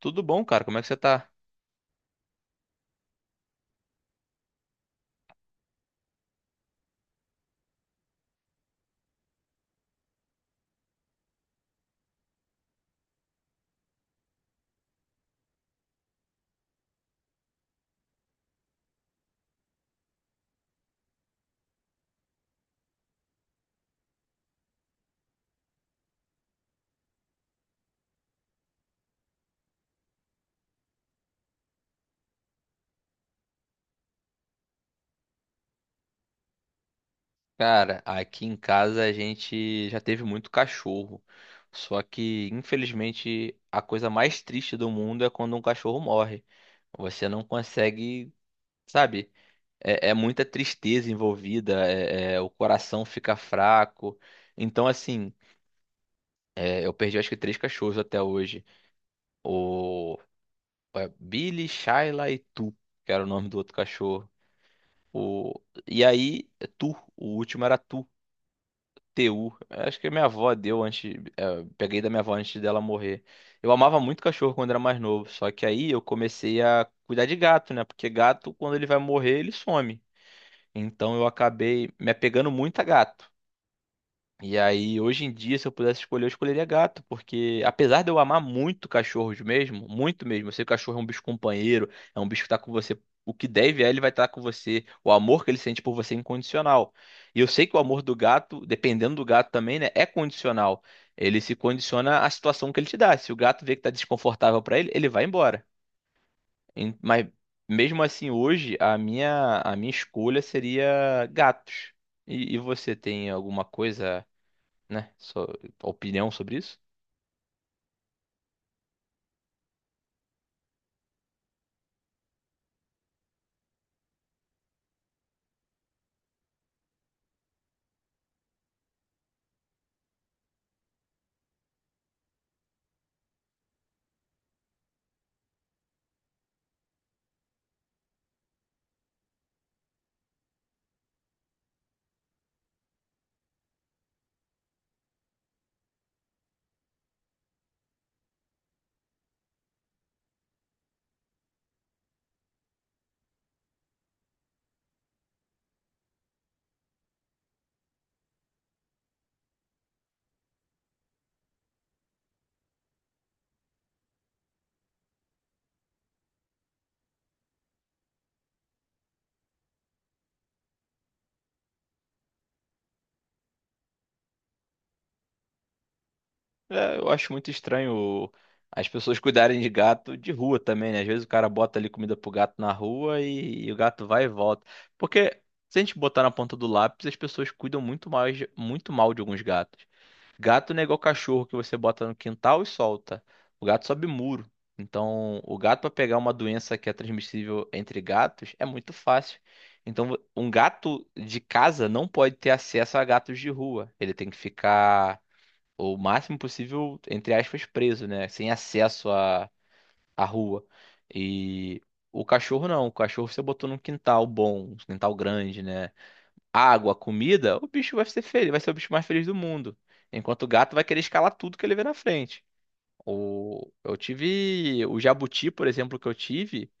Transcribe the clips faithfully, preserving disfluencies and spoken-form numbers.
Tudo bom, cara? Como é que você tá? Cara, aqui em casa a gente já teve muito cachorro. Só que, infelizmente, a coisa mais triste do mundo é quando um cachorro morre. Você não consegue, sabe? É, é muita tristeza envolvida, é- é, o coração fica fraco. Então, assim, é, eu perdi acho que três cachorros até hoje. O é, Billy, Shyla e Tu, que era o nome do outro cachorro. O, e aí, Tu, o último era Tu. T U. Acho que a minha avó deu antes. É, peguei da minha avó antes dela morrer. Eu amava muito cachorro quando era mais novo. Só que aí eu comecei a cuidar de gato, né? Porque gato, quando ele vai morrer, ele some. Então eu acabei me apegando muito a gato. E aí, hoje em dia, se eu pudesse escolher, eu escolheria gato, porque apesar de eu amar muito cachorros mesmo, muito mesmo, eu sei que o cachorro é um bicho companheiro, é um bicho que tá com você, o que deve é ele vai estar com você, o amor que ele sente por você é incondicional. E eu sei que o amor do gato, dependendo do gato também, né, é condicional. Ele se condiciona à situação que ele te dá. Se o gato vê que tá desconfortável pra ele, ele vai embora. Em- Mas mesmo assim, hoje, a minha, a minha escolha seria gatos. E, e você tem alguma coisa? Né? Sua opinião sobre isso? É, eu acho muito estranho as pessoas cuidarem de gato de rua também, né? Às vezes o cara bota ali comida pro gato na rua e, e o gato vai e volta. Porque se a gente botar na ponta do lápis, as pessoas cuidam muito mais, muito mal de alguns gatos. Gato não é igual cachorro que você bota no quintal e solta. O gato sobe muro. Então, o gato para pegar uma doença que é transmissível entre gatos é muito fácil. Então, vo- um gato de casa não pode ter acesso a gatos de rua. Ele tem que ficar o máximo possível, entre aspas, preso, né? Sem acesso à, à rua. E o cachorro não. O cachorro você botou num quintal bom, um quintal grande, né? Água, comida, o bicho vai ser feliz, vai ser o bicho mais feliz do mundo. Enquanto o gato vai querer escalar tudo que ele vê na frente. O, eu tive o jabuti, por exemplo, que eu tive.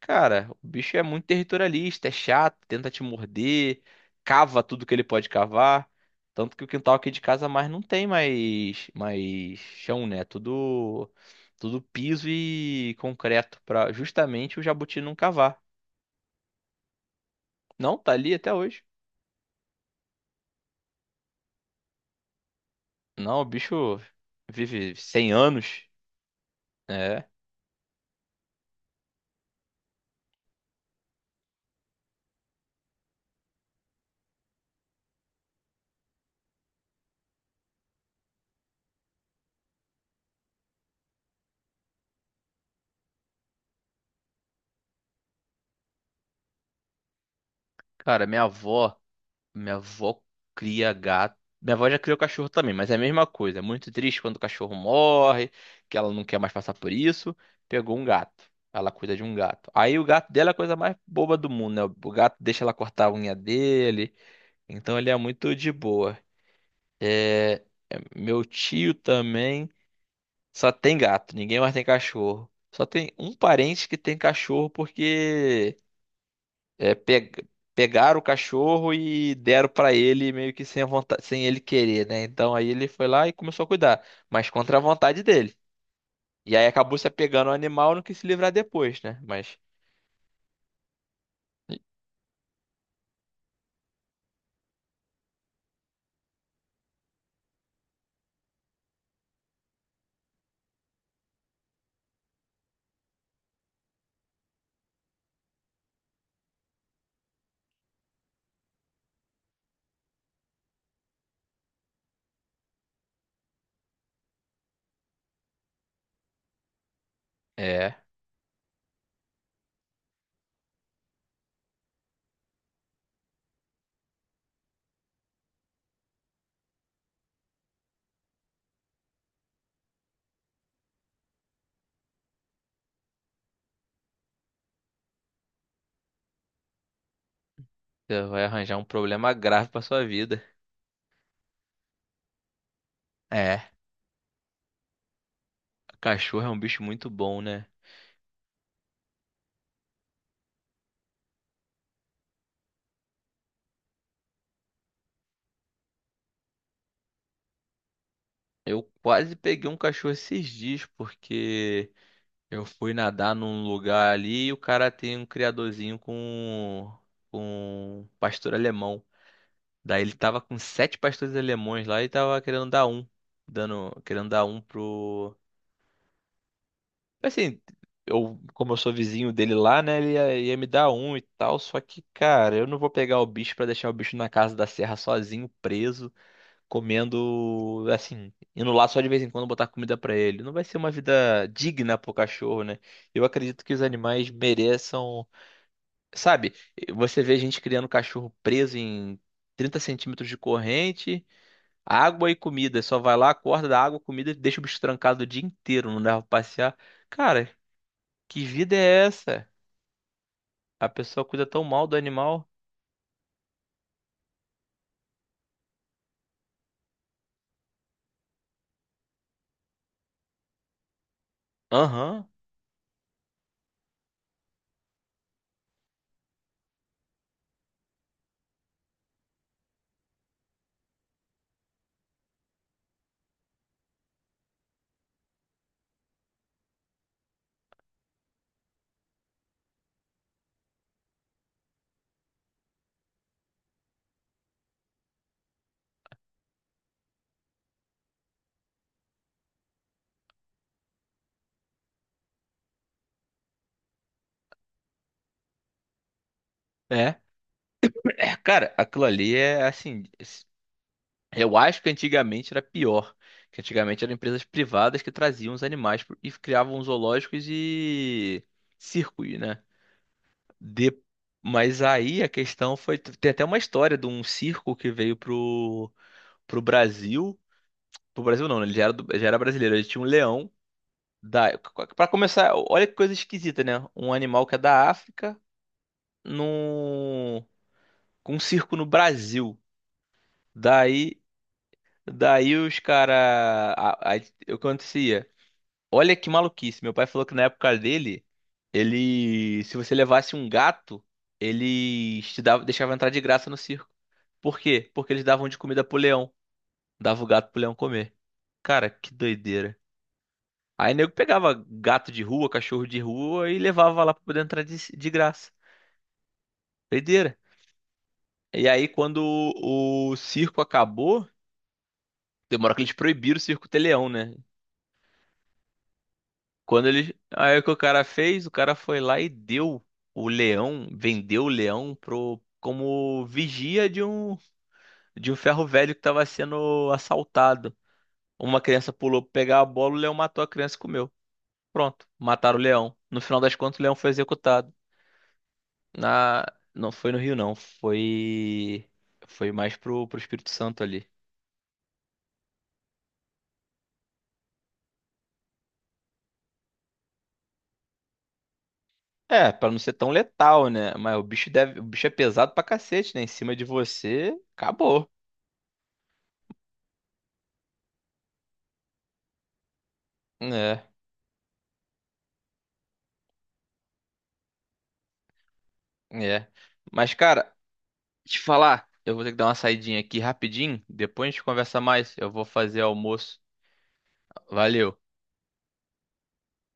Cara, o bicho é muito territorialista, é chato, tenta te morder, cava tudo que ele pode cavar. Tanto que o quintal aqui de casa mais não tem mais, mais chão, né? É tudo, tudo piso e concreto para justamente o jabuti não cavar. Não, tá ali até hoje. Não, o bicho vive cem anos. É. Cara, minha avó, minha avó cria gato. Minha avó já criou cachorro também, mas é a mesma coisa. É muito triste quando o cachorro morre, que ela não quer mais passar por isso. Pegou um gato. Ela cuida de um gato. Aí o gato dela é a coisa mais boba do mundo, né? O gato deixa ela cortar a unha dele. Então ele é muito de boa. É, é, meu tio também só tem gato, ninguém mais tem cachorro. Só tem um parente que tem cachorro porque é, pe- pegaram o cachorro e deram pra ele meio que sem a vontade, sem ele querer, né? Então aí ele foi lá e começou a cuidar, mas contra a vontade dele. E aí acabou se apegando ao animal e não quis se livrar depois, né? Mas é, você vai arranjar um problema grave pra sua vida. É, cachorro é um bicho muito bom, né? Eu quase peguei um cachorro esses dias porque eu fui nadar num lugar ali e o cara tem um criadorzinho com com pastor alemão. Daí ele tava com sete pastores alemães lá e tava querendo dar um. Dando, querendo dar um pro. Assim, eu, como eu sou vizinho dele lá, né? Ele ia, ia me dar um e tal. Só que, cara, eu não vou pegar o bicho pra deixar o bicho na casa da serra sozinho, preso, comendo, assim, indo lá só de vez em quando botar comida pra ele. Não vai ser uma vida digna pro cachorro, né? Eu acredito que os animais mereçam. Sabe, você vê gente criando cachorro preso em trinta centímetros de corrente. Água e comida. Só vai lá, acorda, dá água, comida e deixa o bicho trancado o dia inteiro, não leva pra passear. Cara, que vida é essa? A pessoa cuida tão mal do animal. Aham, é. É, cara, aquilo ali é assim. Eu acho que antigamente era pior. Que antigamente eram empresas privadas que traziam os animais pro- e criavam zoológicos e circos, né? De... Mas aí a questão foi. Tem até uma história de um circo que veio pro, pro Brasil. Pro Brasil não, né? Ele já era, do- já era brasileiro. Ele tinha um leão da. Pra começar, olha que coisa esquisita, né? Um animal que é da África num... com um circo no Brasil. Daí, daí os caras. O que acontecia? Olha que maluquice. Meu pai falou que na época dele, ele. Se você levasse um gato, eles te dava... deixavam entrar de graça no circo. Por quê? Porque eles davam de comida pro leão. Dava o gato pro leão comer. Cara, que doideira. Aí nego pegava gato de rua, cachorro de rua e levava lá pra poder entrar de, de graça. Doideira. E aí, quando o, o circo acabou, demora que eles proibiram o circo ter leão, né? Quando eles. Aí o que o cara fez? O cara foi lá e deu o leão, vendeu o leão pro, como vigia de um, de um ferro velho que tava sendo assaltado. Uma criança pulou pra pegar a bola, o leão matou a criança e comeu. Pronto, mataram o leão. No final das contas, o leão foi executado. Na... Não foi no Rio, não. Foi. Foi mais pro, pro Espírito Santo ali. É, pra não ser tão letal, né? Mas o bicho deve. O bicho é pesado pra cacete, né? Em cima de você, acabou. É, é. Mas, cara, te falar, eu vou ter que dar uma saidinha aqui rapidinho. Depois a gente conversa mais. Eu vou fazer almoço. Valeu.